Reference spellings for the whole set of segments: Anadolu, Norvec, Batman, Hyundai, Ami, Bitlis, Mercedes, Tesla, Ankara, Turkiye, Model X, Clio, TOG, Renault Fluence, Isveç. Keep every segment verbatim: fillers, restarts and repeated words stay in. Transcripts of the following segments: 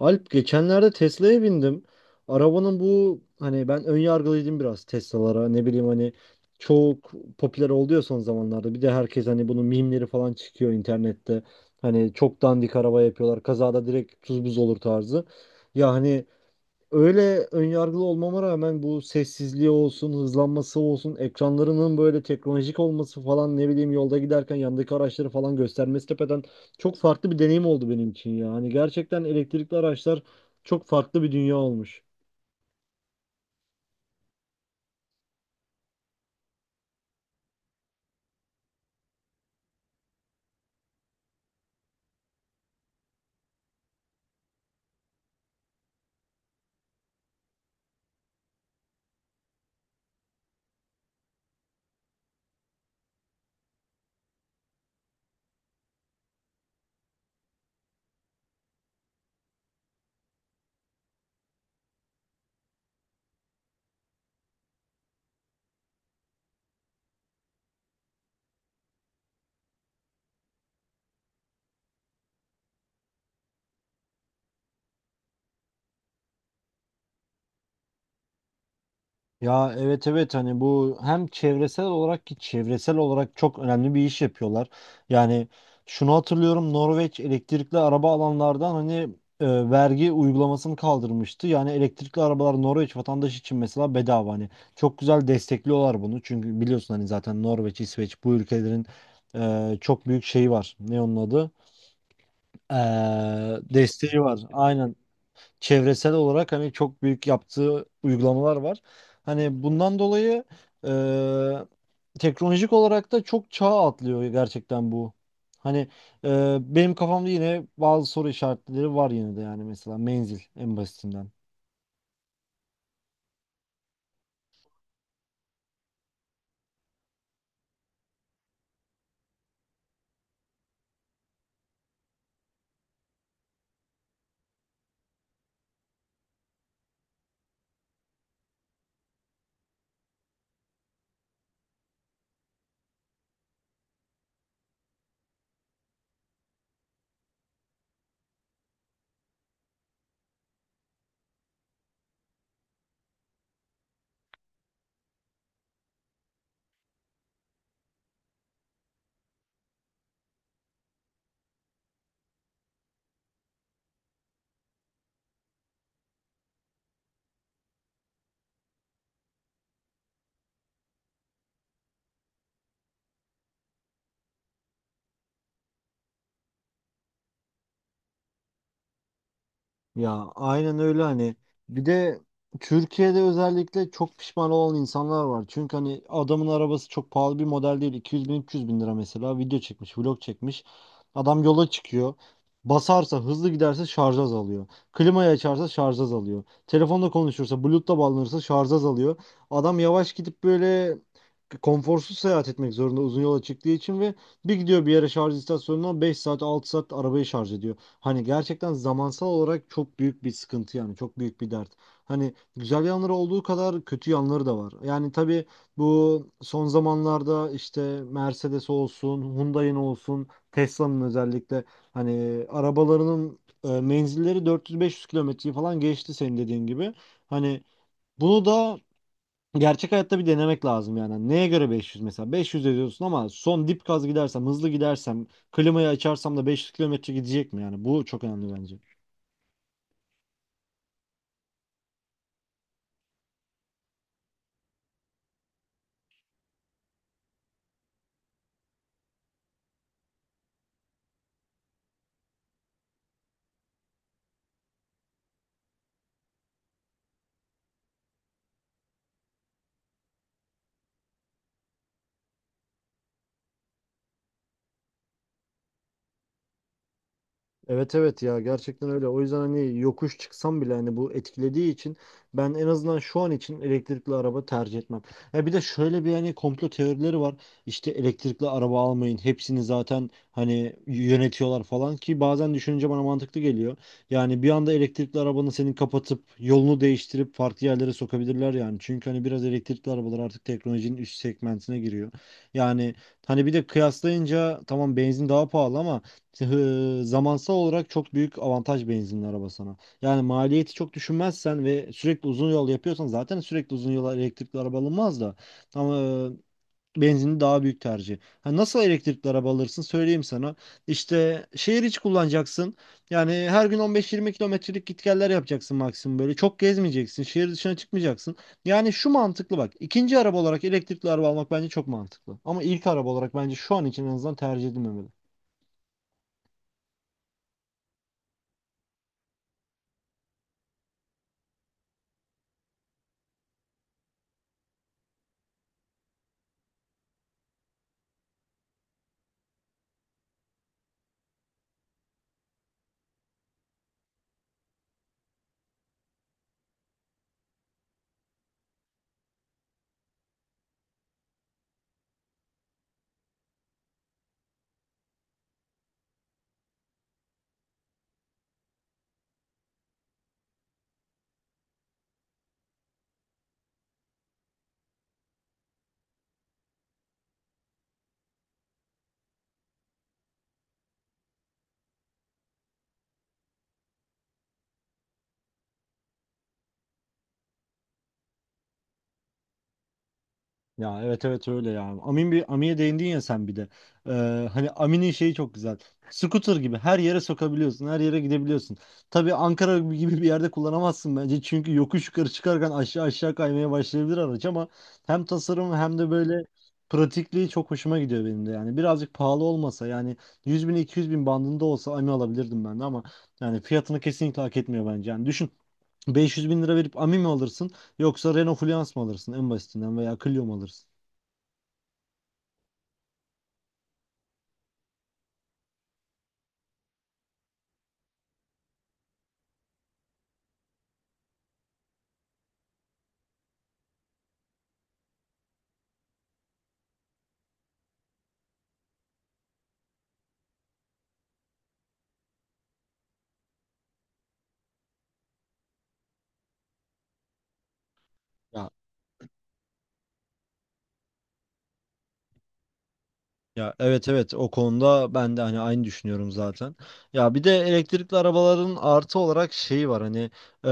Alp geçenlerde Tesla'ya bindim. Arabanın bu hani ben ön yargılıydım biraz Tesla'lara. Ne bileyim hani çok popüler oldu ya son zamanlarda. Bir de herkes hani bunun mimleri falan çıkıyor internette. Hani çok dandik araba yapıyorlar. Kazada direkt tuz buz olur tarzı. Ya hani öyle önyargılı olmama rağmen bu sessizliği olsun, hızlanması olsun, ekranlarının böyle teknolojik olması falan ne bileyim yolda giderken yandaki araçları falan göstermesi tepeden çok farklı bir deneyim oldu benim için ya. Hani gerçekten elektrikli araçlar çok farklı bir dünya olmuş. Ya evet evet hani bu hem çevresel olarak ki çevresel olarak çok önemli bir iş yapıyorlar. Yani şunu hatırlıyorum Norveç elektrikli araba alanlardan hani e, vergi uygulamasını kaldırmıştı. Yani elektrikli arabalar Norveç vatandaşı için mesela bedava hani çok güzel destekliyorlar bunu. Çünkü biliyorsun hani zaten Norveç, İsveç bu ülkelerin e, çok büyük şeyi var. Ne onun adı? Eee, Desteği var. Aynen çevresel olarak hani çok büyük yaptığı uygulamalar var. Hani bundan dolayı e, teknolojik olarak da çok çağ atlıyor gerçekten bu. Hani e, benim kafamda yine bazı soru işaretleri var yine de yani mesela menzil en basitinden. Ya aynen öyle hani bir de Türkiye'de özellikle çok pişman olan insanlar var. Çünkü hani adamın arabası çok pahalı bir model değil. iki yüz bin üç yüz bin lira mesela video çekmiş vlog çekmiş. Adam yola çıkıyor. Basarsa hızlı giderse şarj azalıyor. Klimayı açarsa şarj azalıyor. Telefonla konuşursa Bluetooth'la bağlanırsa şarj azalıyor. Adam yavaş gidip böyle konforsuz seyahat etmek zorunda uzun yola çıktığı için ve bir gidiyor bir yere şarj istasyonuna beş saat altı saat arabayı şarj ediyor. Hani gerçekten zamansal olarak çok büyük bir sıkıntı yani çok büyük bir dert. Hani güzel yanları olduğu kadar kötü yanları da var. Yani tabii bu son zamanlarda işte Mercedes olsun, Hyundai'nin olsun, Tesla'nın özellikle hani arabalarının e, menzilleri dört yüz beş yüz kilometreyi falan geçti senin dediğin gibi. Hani bunu da gerçek hayatta bir denemek lazım yani. Neye göre beş yüz mesela? beş yüz ediyorsun ama son dip gaz gidersem, hızlı gidersem, klimayı açarsam da beş yüz kilometre gidecek mi yani? Bu çok önemli bence. Evet evet ya gerçekten öyle. O yüzden hani yokuş çıksam bile hani bu etkilediği için ben en azından şu an için elektrikli araba tercih etmem. Ya bir de şöyle bir hani komplo teorileri var. İşte elektrikli araba almayın. Hepsini zaten hani yönetiyorlar falan ki bazen düşününce bana mantıklı geliyor. Yani bir anda elektrikli arabanı senin kapatıp yolunu değiştirip farklı yerlere sokabilirler yani. Çünkü hani biraz elektrikli arabalar artık teknolojinin üst segmentine giriyor. Yani hani bir de kıyaslayınca tamam benzin daha pahalı ama hı- zamansal olarak çok büyük avantaj benzinli araba sana. Yani maliyeti çok düşünmezsen ve sürekli uzun yol yapıyorsan zaten sürekli uzun yola elektrikli araba alınmaz da. Ama e, benzinli daha büyük tercih. Ha, nasıl elektrikli araba alırsın söyleyeyim sana. İşte şehir içi kullanacaksın. Yani her gün on beş yirmi kilometrelik gitgeller yapacaksın maksimum böyle. Çok gezmeyeceksin. Şehir dışına çıkmayacaksın. Yani şu mantıklı bak. İkinci araba olarak elektrikli araba almak bence çok mantıklı. Ama ilk araba olarak bence şu an için en azından tercih edilmemeli. Ya evet evet öyle ya. Amin bir Ami'ye değindin ya sen bir de. Ee, hani Amin'in şeyi çok güzel. Scooter gibi her yere sokabiliyorsun, her yere gidebiliyorsun. Tabii Ankara gibi bir yerde kullanamazsın bence. Çünkü yokuş yukarı çıkarken aşağı aşağı kaymaya başlayabilir araç ama hem tasarım hem de böyle pratikliği çok hoşuma gidiyor benim de yani. Birazcık pahalı olmasa yani yüz bin iki yüz bin bandında olsa Ami alabilirdim ben de ama yani fiyatını kesinlikle hak etmiyor bence. Yani düşün beş yüz bin lira verip Ami mi alırsın yoksa Renault Fluence mı alırsın en basitinden veya Clio mu alırsın? Ya, ya evet evet o konuda ben de hani aynı düşünüyorum zaten. Ya bir de elektrikli arabaların artı olarak şeyi var hani eee,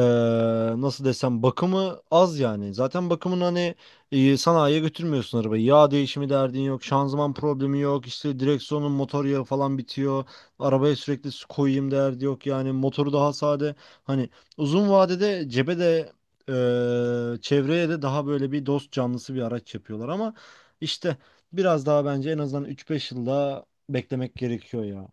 nasıl desem bakımı az yani. Zaten bakımın hani e, sanayiye götürmüyorsun arabayı. Yağ değişimi derdin yok, şanzıman problemi yok, işte direksiyonun motor yağı falan bitiyor. Arabaya sürekli su koyayım derdi yok yani motoru daha sade. Hani uzun vadede cebe de eee, çevreye de daha böyle bir dost canlısı bir araç yapıyorlar ama işte biraz daha bence en azından üç beş yılda beklemek gerekiyor ya.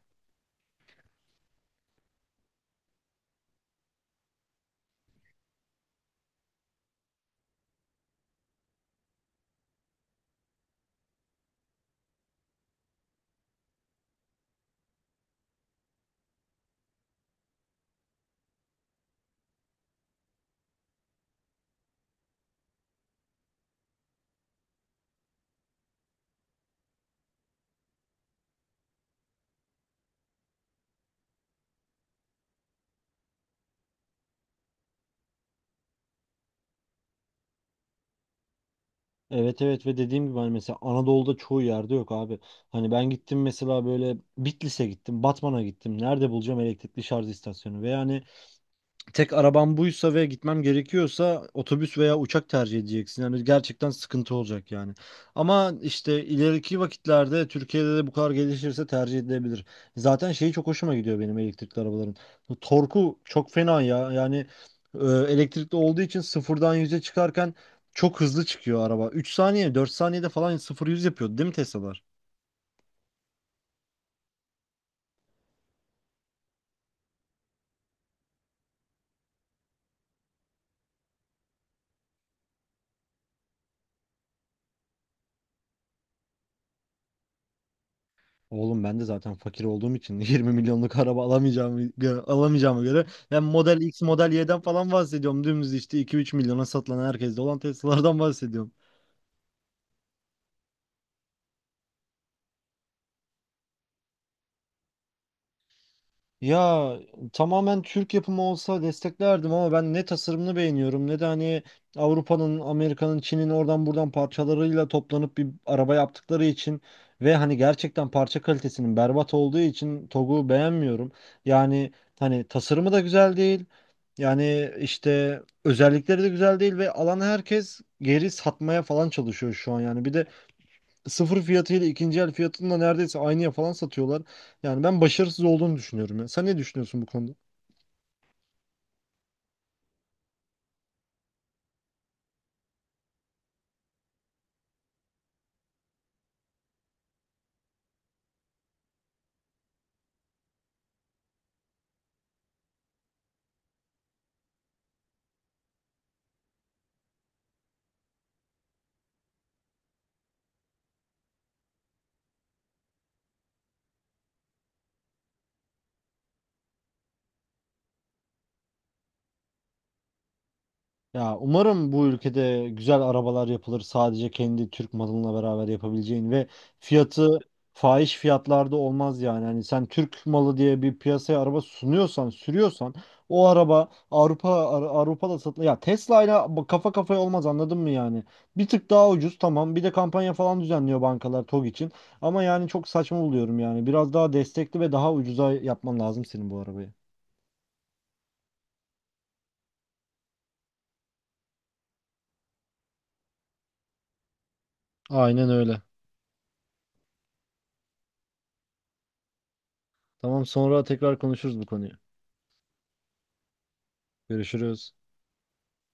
Evet evet ve dediğim gibi hani mesela Anadolu'da çoğu yerde yok abi. Hani ben gittim mesela böyle Bitlis'e gittim, Batman'a gittim. Nerede bulacağım elektrikli şarj istasyonu? Ve yani tek arabam buysa ve gitmem gerekiyorsa otobüs veya uçak tercih edeceksin. Yani gerçekten sıkıntı olacak yani. Ama işte ileriki vakitlerde Türkiye'de de bu kadar gelişirse tercih edilebilir. Zaten şeyi çok hoşuma gidiyor benim elektrikli arabaların. Bu Torku çok fena ya. Yani e, elektrikli olduğu için sıfırdan yüze çıkarken çok hızlı çıkıyor araba. Üç saniye dört saniyede falan sıfır yüz yapıyordu değil mi Tesla'lar? Oğlum ben de zaten fakir olduğum için yirmi milyonluk araba alamayacağımı gö- alamayacağıma göre ben Model X, Model Y'den falan bahsediyorum. Dümdüz işte iki üç milyona satılan herkeste olan Tesla'lardan bahsediyorum. Ya tamamen Türk yapımı olsa desteklerdim ama ben ne tasarımını beğeniyorum ne de hani Avrupa'nın, Amerika'nın, Çin'in oradan buradan parçalarıyla toplanıp bir araba yaptıkları için ve hani gerçekten parça kalitesinin berbat olduğu için TOG'u beğenmiyorum. Yani hani tasarımı da güzel değil. Yani işte özellikleri de güzel değil ve alan herkes geri satmaya falan çalışıyor şu an yani. Bir de sıfır fiyatıyla ikinci el fiyatında neredeyse aynıya falan satıyorlar. Yani ben başarısız olduğunu düşünüyorum ya. Sen ne düşünüyorsun bu konuda? Ya umarım bu ülkede güzel arabalar yapılır sadece kendi Türk malınla beraber yapabileceğin ve fiyatı fahiş fiyatlarda olmaz yani. Hani sen Türk malı diye bir piyasaya araba sunuyorsan, sürüyorsan o araba Avrupa Ar- Avrupa'da satılır. Ya Tesla ile kafa kafaya olmaz anladın mı yani? Bir tık daha ucuz tamam. Bir de kampanya falan düzenliyor bankalar TOG için. Ama yani çok saçma buluyorum yani. Biraz daha destekli ve daha ucuza yapman lazım senin bu arabayı. Aynen öyle. Tamam sonra tekrar konuşuruz bu konuyu. Görüşürüz.